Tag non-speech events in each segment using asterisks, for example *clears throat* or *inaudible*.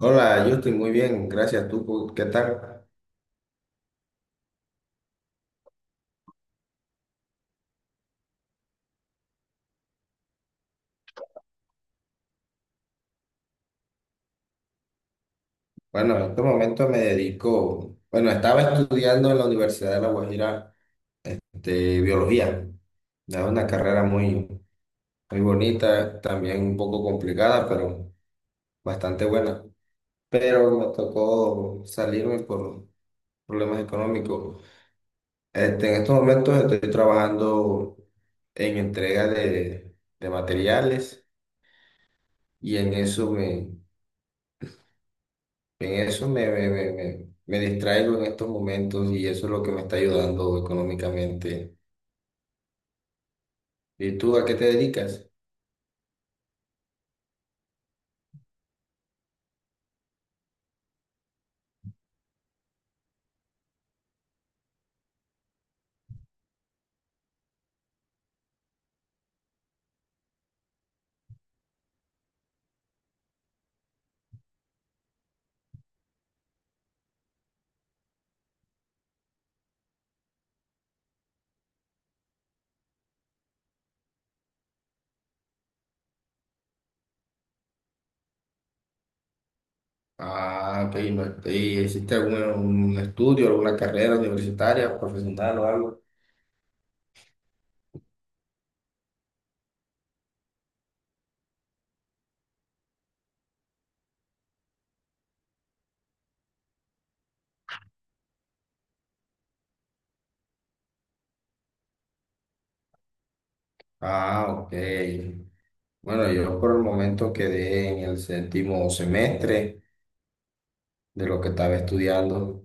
Hola, yo estoy muy bien, gracias. ¿Tú qué tal? Bueno, en este momento me dedico, bueno, estaba estudiando en la Universidad de La Guajira, de biología. Es una carrera muy, muy bonita, también un poco complicada, pero bastante buena. Pero me tocó salirme por problemas económicos. En estos momentos estoy trabajando en entrega de materiales y en eso me distraigo en estos momentos y eso es lo que me está ayudando económicamente. ¿Y tú a qué te dedicas? Ah, ok, no- ¿y hiciste algún un estudio, alguna carrera universitaria, profesional o algo? Ah, ok. Bueno, yo por el momento quedé en el séptimo semestre de lo que estaba estudiando.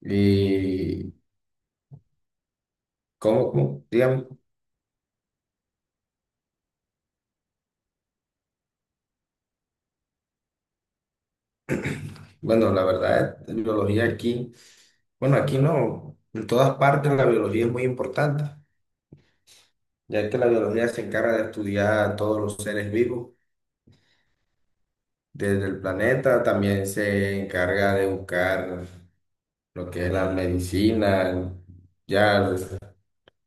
¿Y cómo, cómo? Dígame. Bueno, la verdad, la biología aquí, bueno, aquí no, en todas partes la biología es muy importante, ya que la biología se encarga de estudiar a todos los seres vivos desde el planeta, también se encarga de buscar lo que es la medicina, ya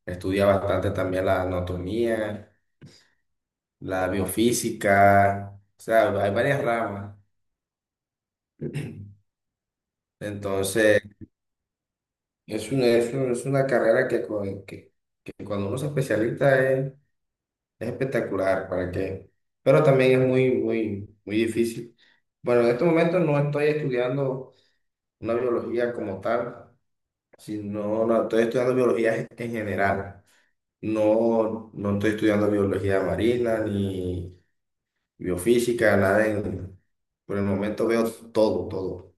estudia bastante también la anatomía, la biofísica, o sea, hay varias ramas. Entonces, es una carrera que cuando uno se especializa es... Es espectacular, ¿para qué? Pero también es muy, muy, muy difícil. Bueno, en este momento no estoy estudiando una biología como tal, sino no, estoy estudiando biología en general. No, no estoy estudiando biología marina ni biofísica, nada en-... Por el momento veo todo, todo.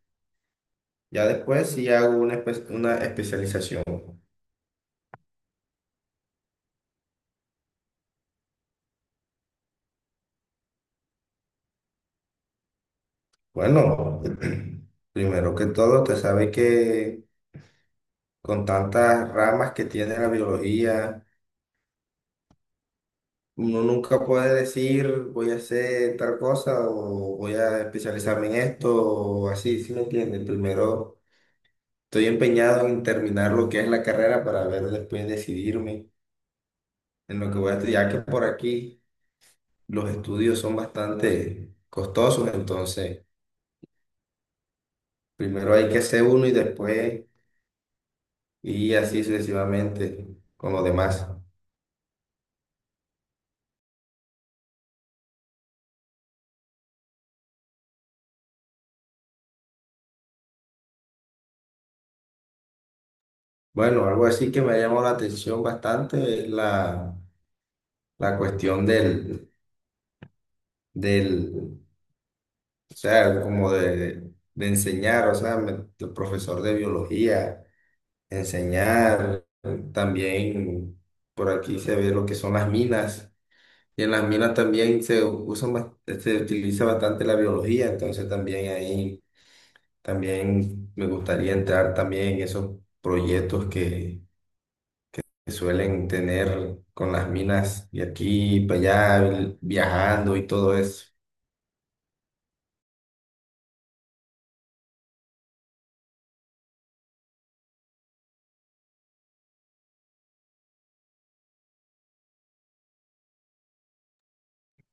Ya después sí hago una especialización. Bueno, *clears throat* primero que todo, te sabe que con tantas ramas que tiene la biología, uno nunca puede decir voy a hacer tal cosa o voy a especializarme en esto o así, ¿sí me entienden? Primero estoy empeñado en terminar lo que es la carrera para ver después decidirme en lo que voy a estudiar, ya que por aquí los estudios son bastante costosos, entonces primero hay que hacer uno y después, y así sucesivamente con los demás. Bueno, algo así que me ha llamado la atención bastante es la cuestión del o sea, como de enseñar, o sea, me- el profesor de biología, enseñar, también por aquí se ve lo que son las minas, y en las minas también se usan, bas- se utiliza bastante la biología, entonces también ahí, también me gustaría entrar también en esos proyectos que suelen tener con las minas, y aquí, para allá, el- viajando y todo eso.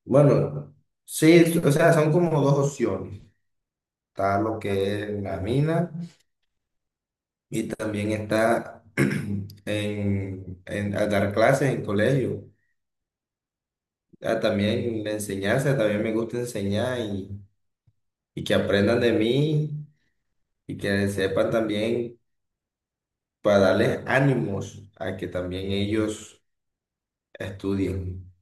Bueno, sí, o sea, son como dos opciones. Está lo que es la mina y también está *clears throat* a dar clases en colegio. Ah, también la enseñanza, también me gusta enseñar y que aprendan de mí y que sepan también para darles ánimos a que también ellos estudien.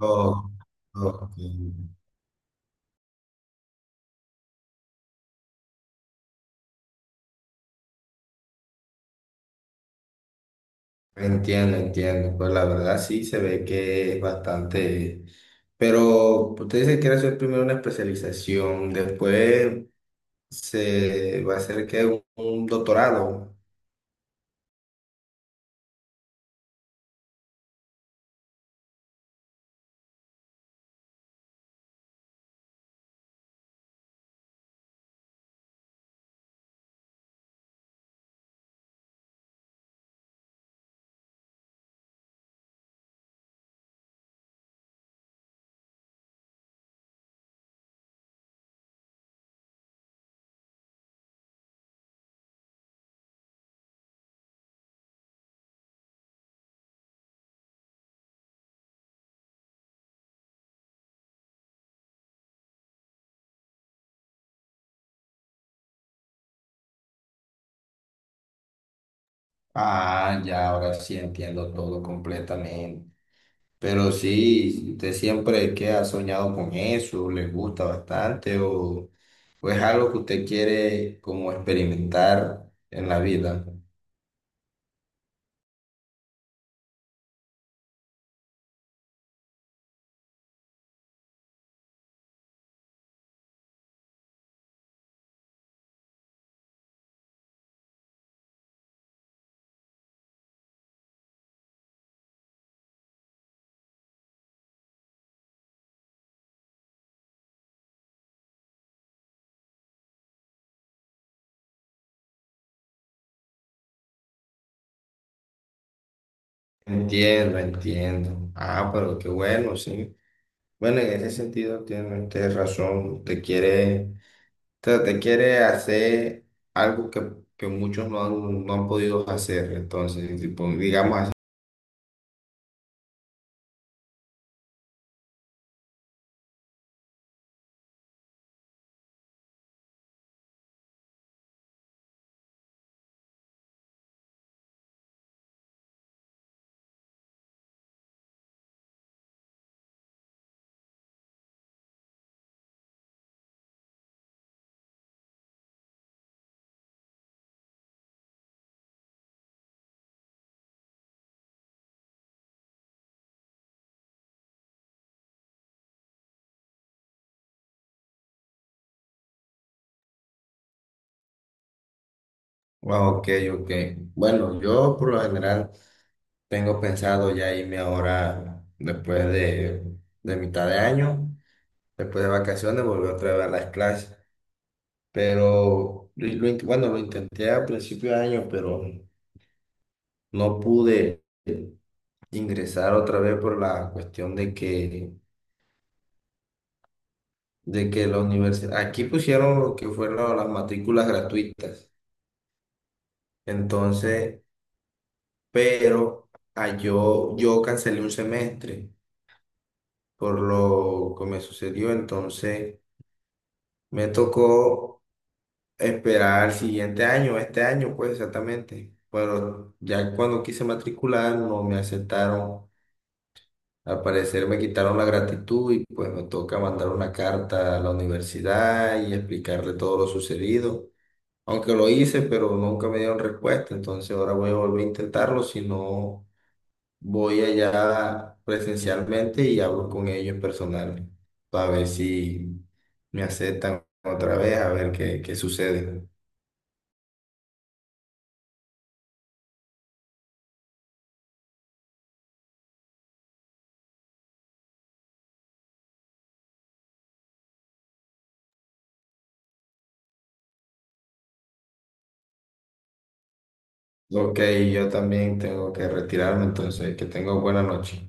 Oh, oh, ok. Entiendo, entiendo. Pues la verdad sí se ve que es bastante... Pero usted dice que quiere hacer primero una especialización, después se va a hacer un doctorado. Ah, ya, ahora sí entiendo todo completamente. Pero sí, usted siempre que ha soñado con eso, le gusta bastante o es algo que usted quiere como experimentar en la vida. Entiendo, entiendo. Ah, pero qué bueno, sí. Bueno, en ese sentido tiene usted razón. Usted quiere sea, te quiere hacer algo que muchos no han podido hacer. Entonces, tipo, digamos así. Ah, ok, ok. Bueno, yo por lo general tengo pensado ya irme ahora después de mitad de año, después de vacaciones, volver otra vez a las clases. Pero, lo in- bueno, lo intenté a principio de año, pero no pude ingresar otra vez por la cuestión de que la universidad, aquí pusieron lo que fueron las matrículas gratuitas, entonces, pero yo cancelé un semestre por lo que me sucedió, entonces me tocó esperar el siguiente año, este año pues exactamente, pero ya cuando quise matricular no me aceptaron. Al parecer me quitaron la gratitud y pues me toca mandar una carta a la universidad y explicarle todo lo sucedido, aunque lo hice, pero nunca me dieron respuesta, entonces ahora voy a volver a intentarlo, si no voy allá presencialmente y hablo con ellos personal, para ver si me aceptan otra vez, a ver qué sucede. Ok, yo también tengo que retirarme, entonces que tengo buena noche.